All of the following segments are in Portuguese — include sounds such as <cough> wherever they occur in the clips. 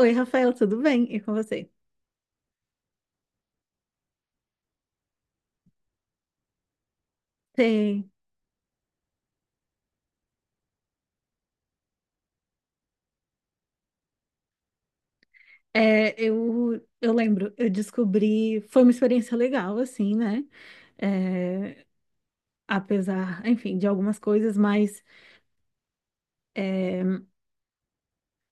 Oi, Rafael, tudo bem? E com você? Sim. É, eu lembro, eu descobri, foi uma experiência legal, assim, né? É, apesar, enfim, de algumas coisas, mas é,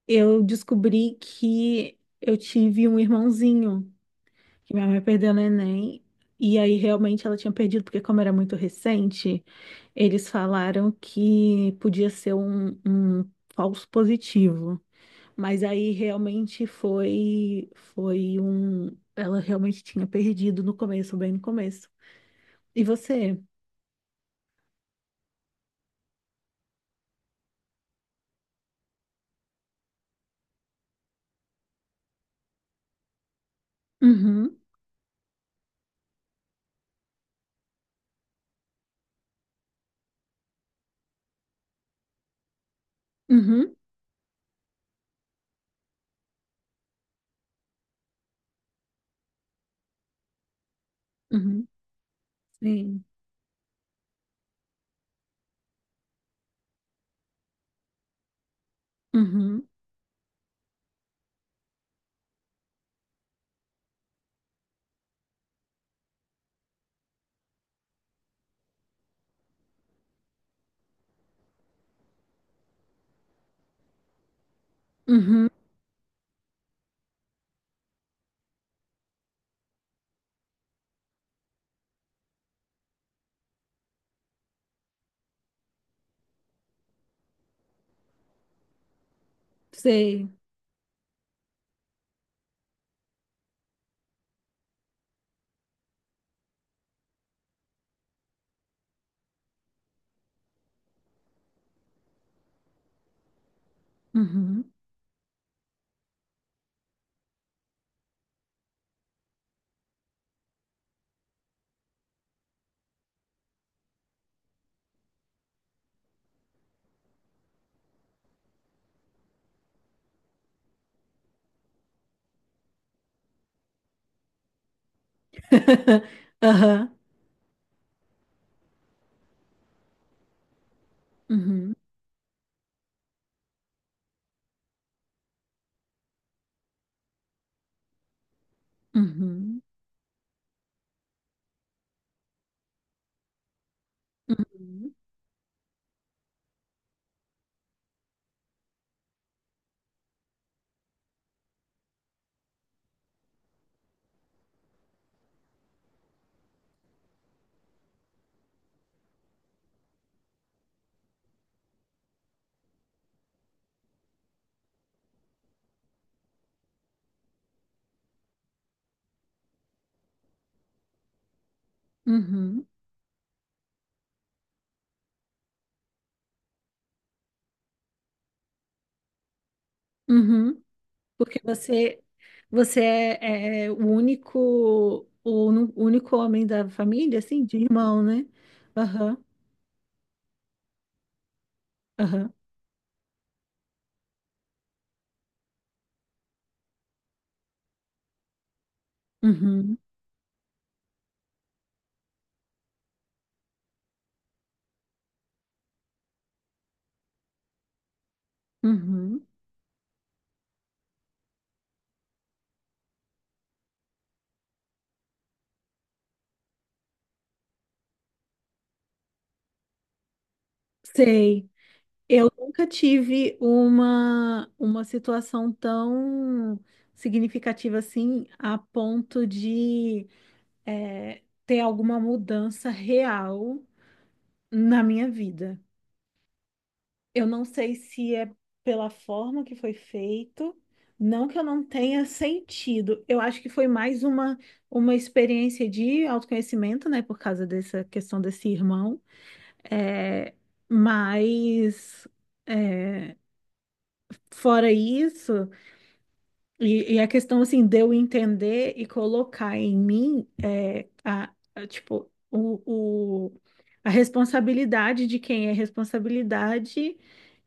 eu descobri que eu tive um irmãozinho, que minha mãe perdeu no Enem. E aí realmente ela tinha perdido, porque como era muito recente, eles falaram que podia ser um falso positivo. Mas aí realmente foi um, ela realmente tinha perdido no começo, bem no começo. E você? Uhum, uhum, uhum, sim. Uhum, uhum, sei. Uhum. <laughs> Aham. Uhum, uhum, uhum, uhum, uhum. Porque você é o único homem da família, assim, de irmão, né? Aham, aham. Uhum, uhum. Sei. Eu nunca tive uma situação tão significativa assim, a ponto de ter alguma mudança real na minha vida. Eu não sei se é pela forma que foi feito, não que eu não tenha sentido. Eu acho que foi mais uma, experiência de autoconhecimento, né, por causa dessa questão desse irmão, é, mas. eh, Fora isso, e a questão assim de eu entender e colocar em mim é, a, tipo a responsabilidade de quem é responsabilidade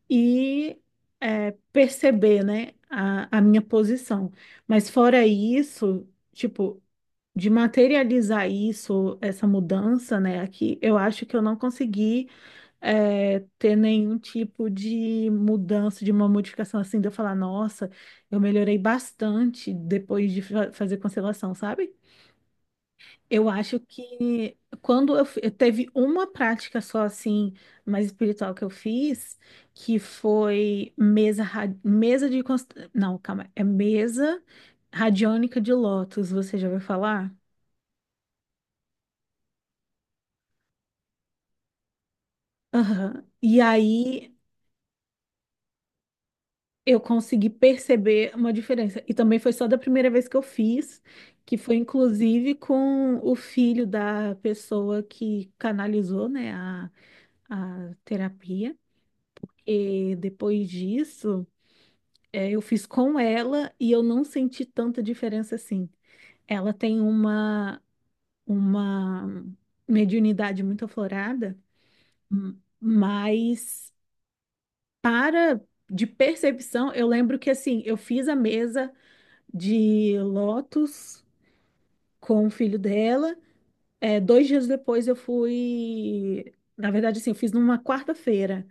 e é, perceber, né, a minha posição. Mas fora isso, tipo, de materializar isso, essa mudança, né, aqui, eu acho que eu não consegui é, ter nenhum tipo de mudança, de uma modificação assim, de eu falar, nossa, eu melhorei bastante depois de fazer constelação, sabe? Eu acho que quando eu teve uma prática só assim, mais espiritual que eu fiz, que foi mesa, não, calma, é mesa radiônica de lótus, você já ouviu falar? Aham. E aí eu consegui perceber uma diferença. E também foi só da primeira vez que eu fiz, que foi inclusive com o filho da pessoa que canalizou, né, a, terapia. E depois disso, é, eu fiz com ela e eu não senti tanta diferença assim. Ela tem uma mediunidade muito aflorada, mas para de percepção, eu lembro que assim, eu fiz a mesa de Lotus com o filho dela. É, dois dias depois eu fui. Na verdade, assim, eu fiz numa quarta-feira.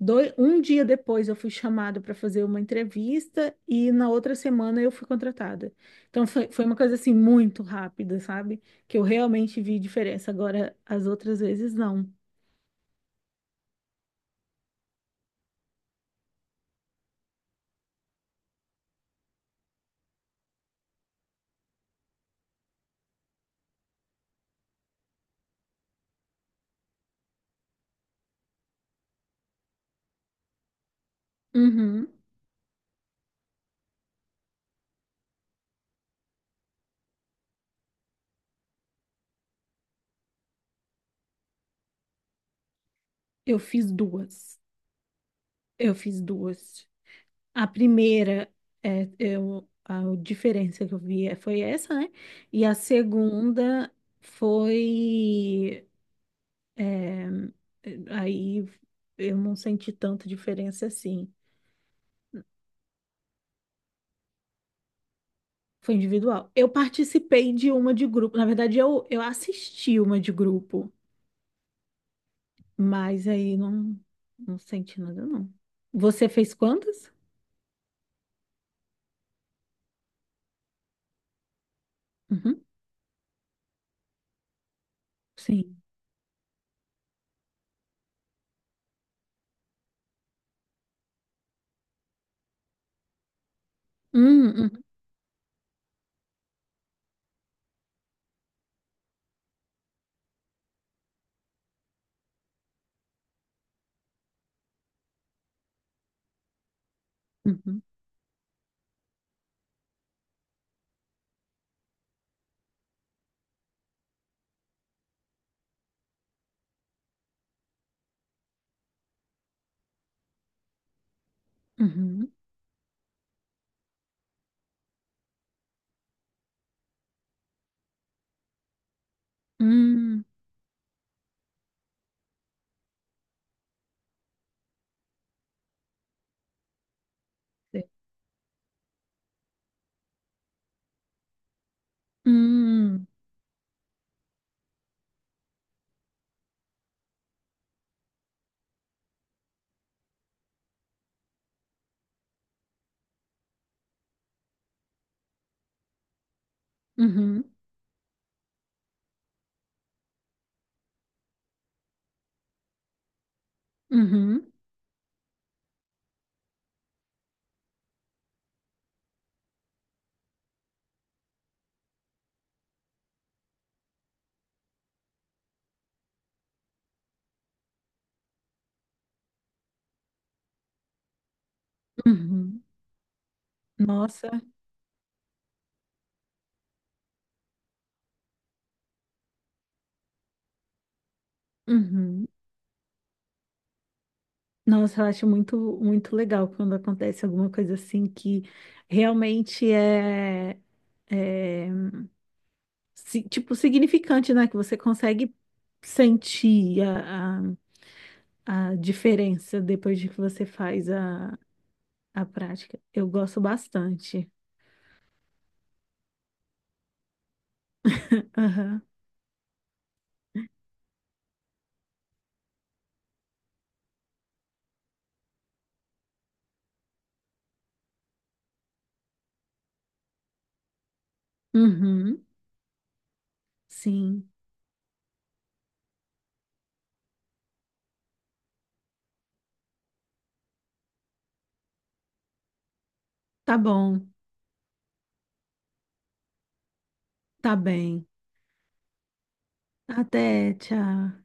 Um dia depois eu fui chamada para fazer uma entrevista e na outra semana eu fui contratada. Então foi, foi uma coisa assim muito rápida, sabe? Que eu realmente vi diferença. Agora, as outras vezes, não. Uhum. Eu fiz duas. Eu fiz duas. A primeira, é, a diferença que eu vi foi essa, né? E a segunda foi, é, aí eu não senti tanta diferença assim. Foi individual. Eu participei de uma de grupo. Na verdade, eu assisti uma de grupo, mas aí não, não senti nada, não. Você fez quantas? Uhum, sim. Uhum, uhum, uhum, hum, sei. Hum, uhum. Uhum, uhum. Nossa, uhum. Nossa, eu acho muito, muito legal quando acontece alguma coisa assim que realmente é, tipo, significante, né? Que você consegue sentir a, a diferença depois de que você faz a prática. Eu gosto bastante. Aham. Uhum. Sim. Tá bom. Tá bem. Até, tchau.